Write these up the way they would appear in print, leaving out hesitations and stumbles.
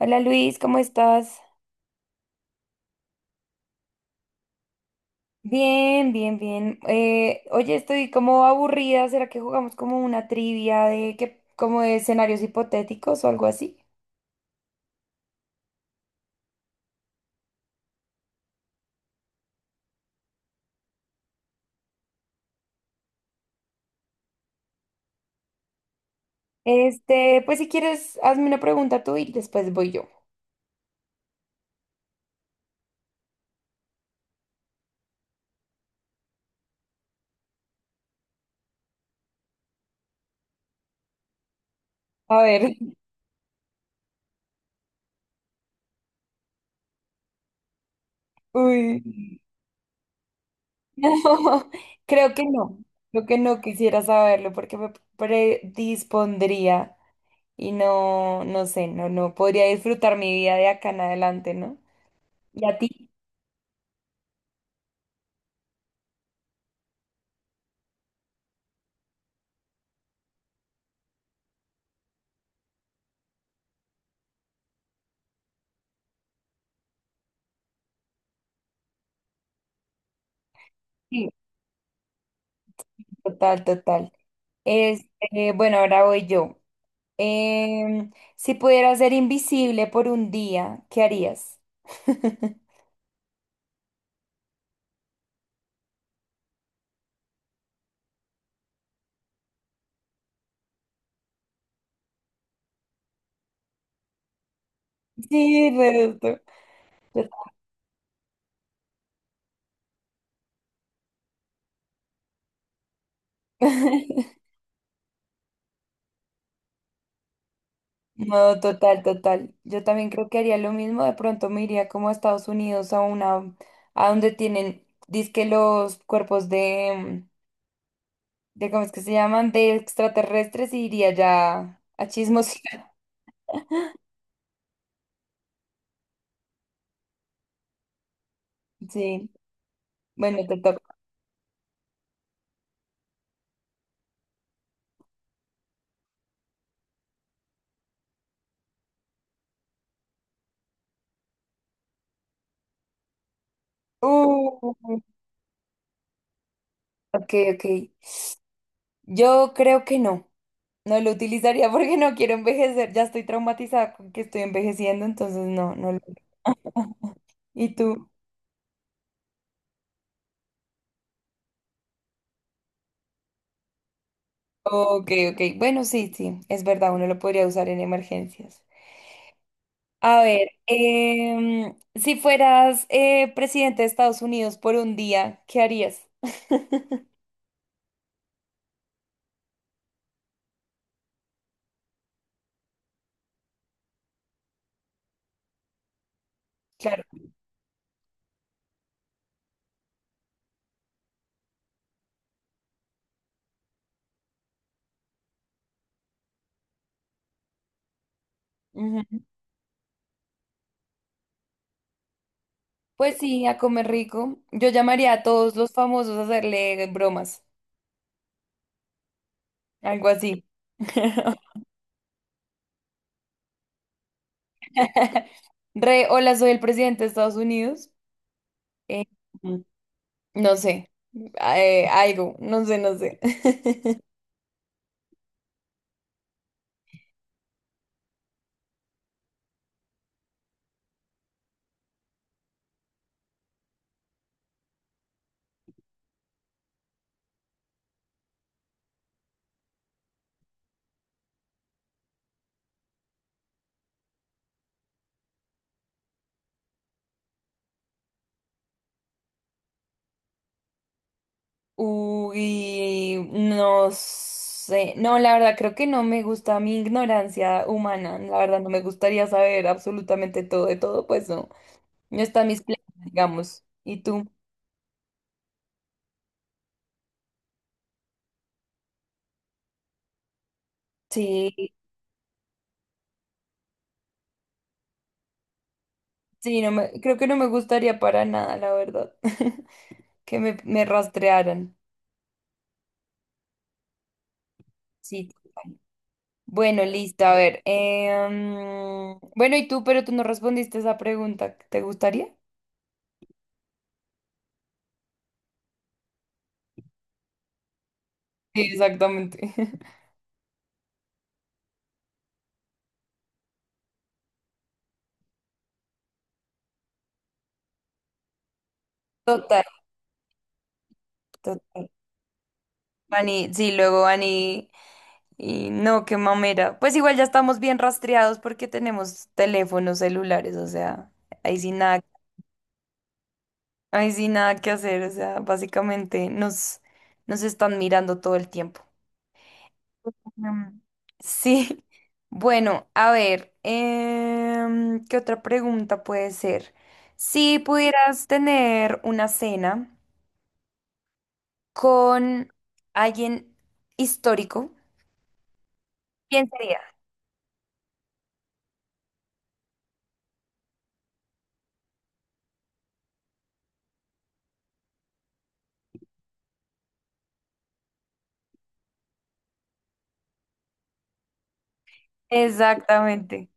Hola Luis, ¿cómo estás? Bien, bien, bien. Oye, estoy como aburrida. ¿Será que jugamos como una trivia de que, como de escenarios hipotéticos o algo así? Pues si quieres, hazme una pregunta tú y después voy yo. A ver. Uy. No, creo que no. Creo que no quisiera saberlo porque me predispondría y no sé, no podría disfrutar mi vida de acá en adelante, ¿no? ¿Y a ti? Sí, total, total. Bueno, ahora voy yo. Si pudieras ser invisible por un día, ¿qué harías? Sí, resto. Yo- No, total, total. Yo también creo que haría lo mismo. De pronto me iría como a Estados Unidos a a donde tienen, dizque los cuerpos de ¿cómo es que se llaman? De extraterrestres y iría ya a chismos. Sí, bueno, te toca. Uh, ok, ok. Yo creo que no. No lo utilizaría porque no quiero envejecer, ya estoy traumatizada con que estoy envejeciendo, entonces no, no lo... ¿Y tú? Ok, ok, bueno, sí, sí, es verdad, uno lo podría usar en emergencias. A ver, si fueras presidente de Estados Unidos por un día, ¿qué harías? Claro. Ujú. Pues sí, a comer rico. Yo llamaría a todos los famosos a hacerle bromas, algo así. Re, hola, soy el presidente de Estados Unidos. Eh, No sé, algo, no sé, no sé. Uy, no sé. No, la verdad, creo que no me gusta mi ignorancia humana. La verdad, no me gustaría saber absolutamente todo de todo, pues no. No están mis planes, digamos. ¿Y tú? Sí, sí, creo que no me gustaría para nada, la verdad, que me rastrearan. Sí, total. Bueno, listo, a ver. Bueno, ¿y tú? Pero tú no respondiste esa pregunta. ¿Te gustaría? Sí, exactamente. Total, total. Ani, sí, luego Ani, y no, qué mamera. Pues igual ya estamos bien rastreados porque tenemos teléfonos celulares, o sea, ahí sí nada, ahí sí nada que hacer, o sea, básicamente nos están mirando todo el tiempo. Mm. Sí, bueno, a ver, ¿qué otra pregunta puede ser? Si pudieras tener una cena con alguien histórico, ¿quién sería? Exactamente.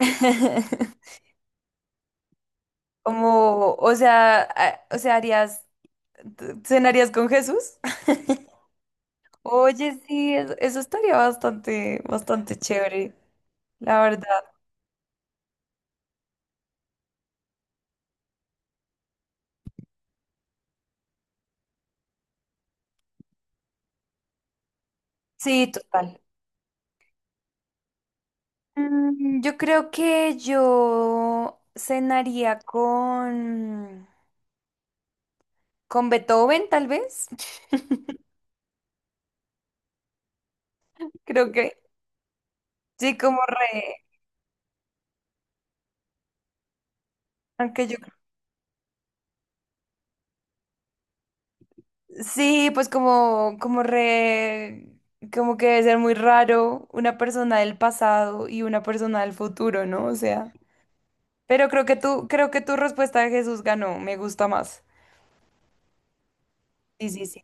Como, o sea, o sea, ¿cenarías con Jesús? Oye, sí, eso estaría bastante, bastante chévere, la verdad. Sí, total. Mm, yo creo que yo cenaría con Beethoven, tal vez. Creo que sí, como re, aunque yo. Sí, pues como, como re, como que debe ser muy raro una persona del pasado y una persona del futuro, ¿no? O sea, pero creo que creo que tu respuesta de Jesús ganó, me gusta más. Sí, sí, sí.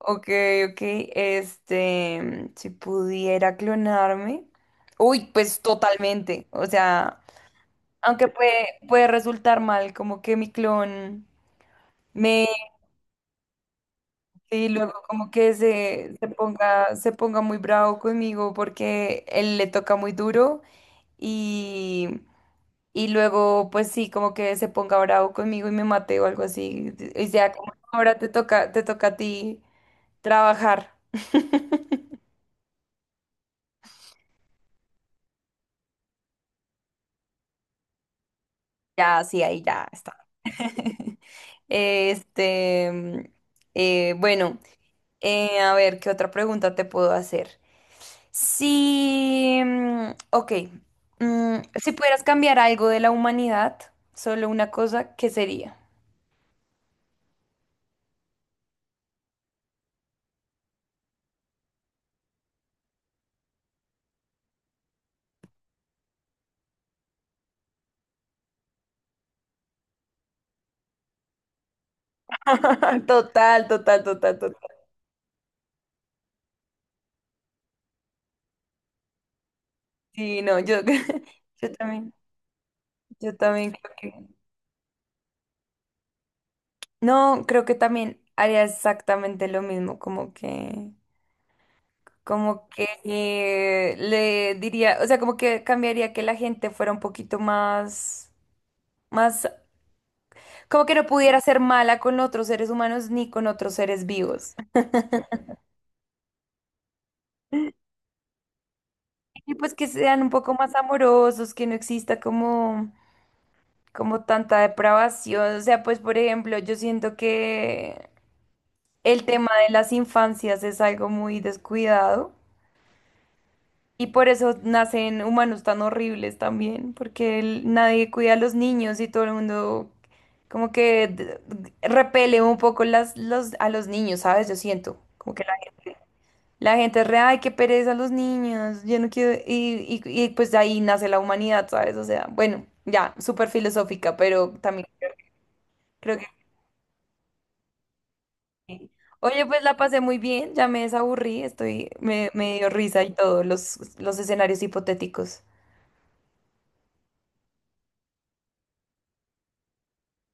Ok, ok, este, si pudiera clonarme. Uy, pues totalmente. O sea, aunque puede resultar mal, como que mi clon me. Sí, luego como que se ponga muy bravo conmigo porque él le toca muy duro y, y luego pues sí, como que se ponga bravo conmigo y me mate o algo así. Y sea como ahora te toca a ti trabajar. Ya, sí, ahí ya está. Este, mm, bueno, a ver, ¿qué otra pregunta te puedo hacer? Si, ok, mm, si pudieras cambiar algo de la humanidad, solo una cosa, ¿qué sería? Total, total, total, total. Sí, no, yo, yo también, yo también creo que... No, creo que también haría exactamente lo mismo, como que le diría, o sea, como que cambiaría que la gente fuera un poquito más, más, como que no pudiera ser mala con otros seres humanos ni con otros seres vivos. Y pues que sean un poco más amorosos, que no exista como, como tanta depravación. O sea, pues por ejemplo, yo siento que el tema de las infancias es algo muy descuidado y por eso nacen humanos tan horribles también, porque nadie cuida a los niños y todo el mundo como que repele un poco a los niños, ¿sabes? Yo siento. La gente es re, ay, qué pereza los niños, yo no quiero, y pues de ahí nace la humanidad, ¿sabes? O sea, bueno, ya, súper filosófica, pero también creo que... sí. Oye, pues la pasé muy bien, ya me desaburrí, estoy, me dio risa y todo, los escenarios hipotéticos.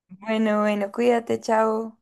Bueno, bueno, cuídate, chao.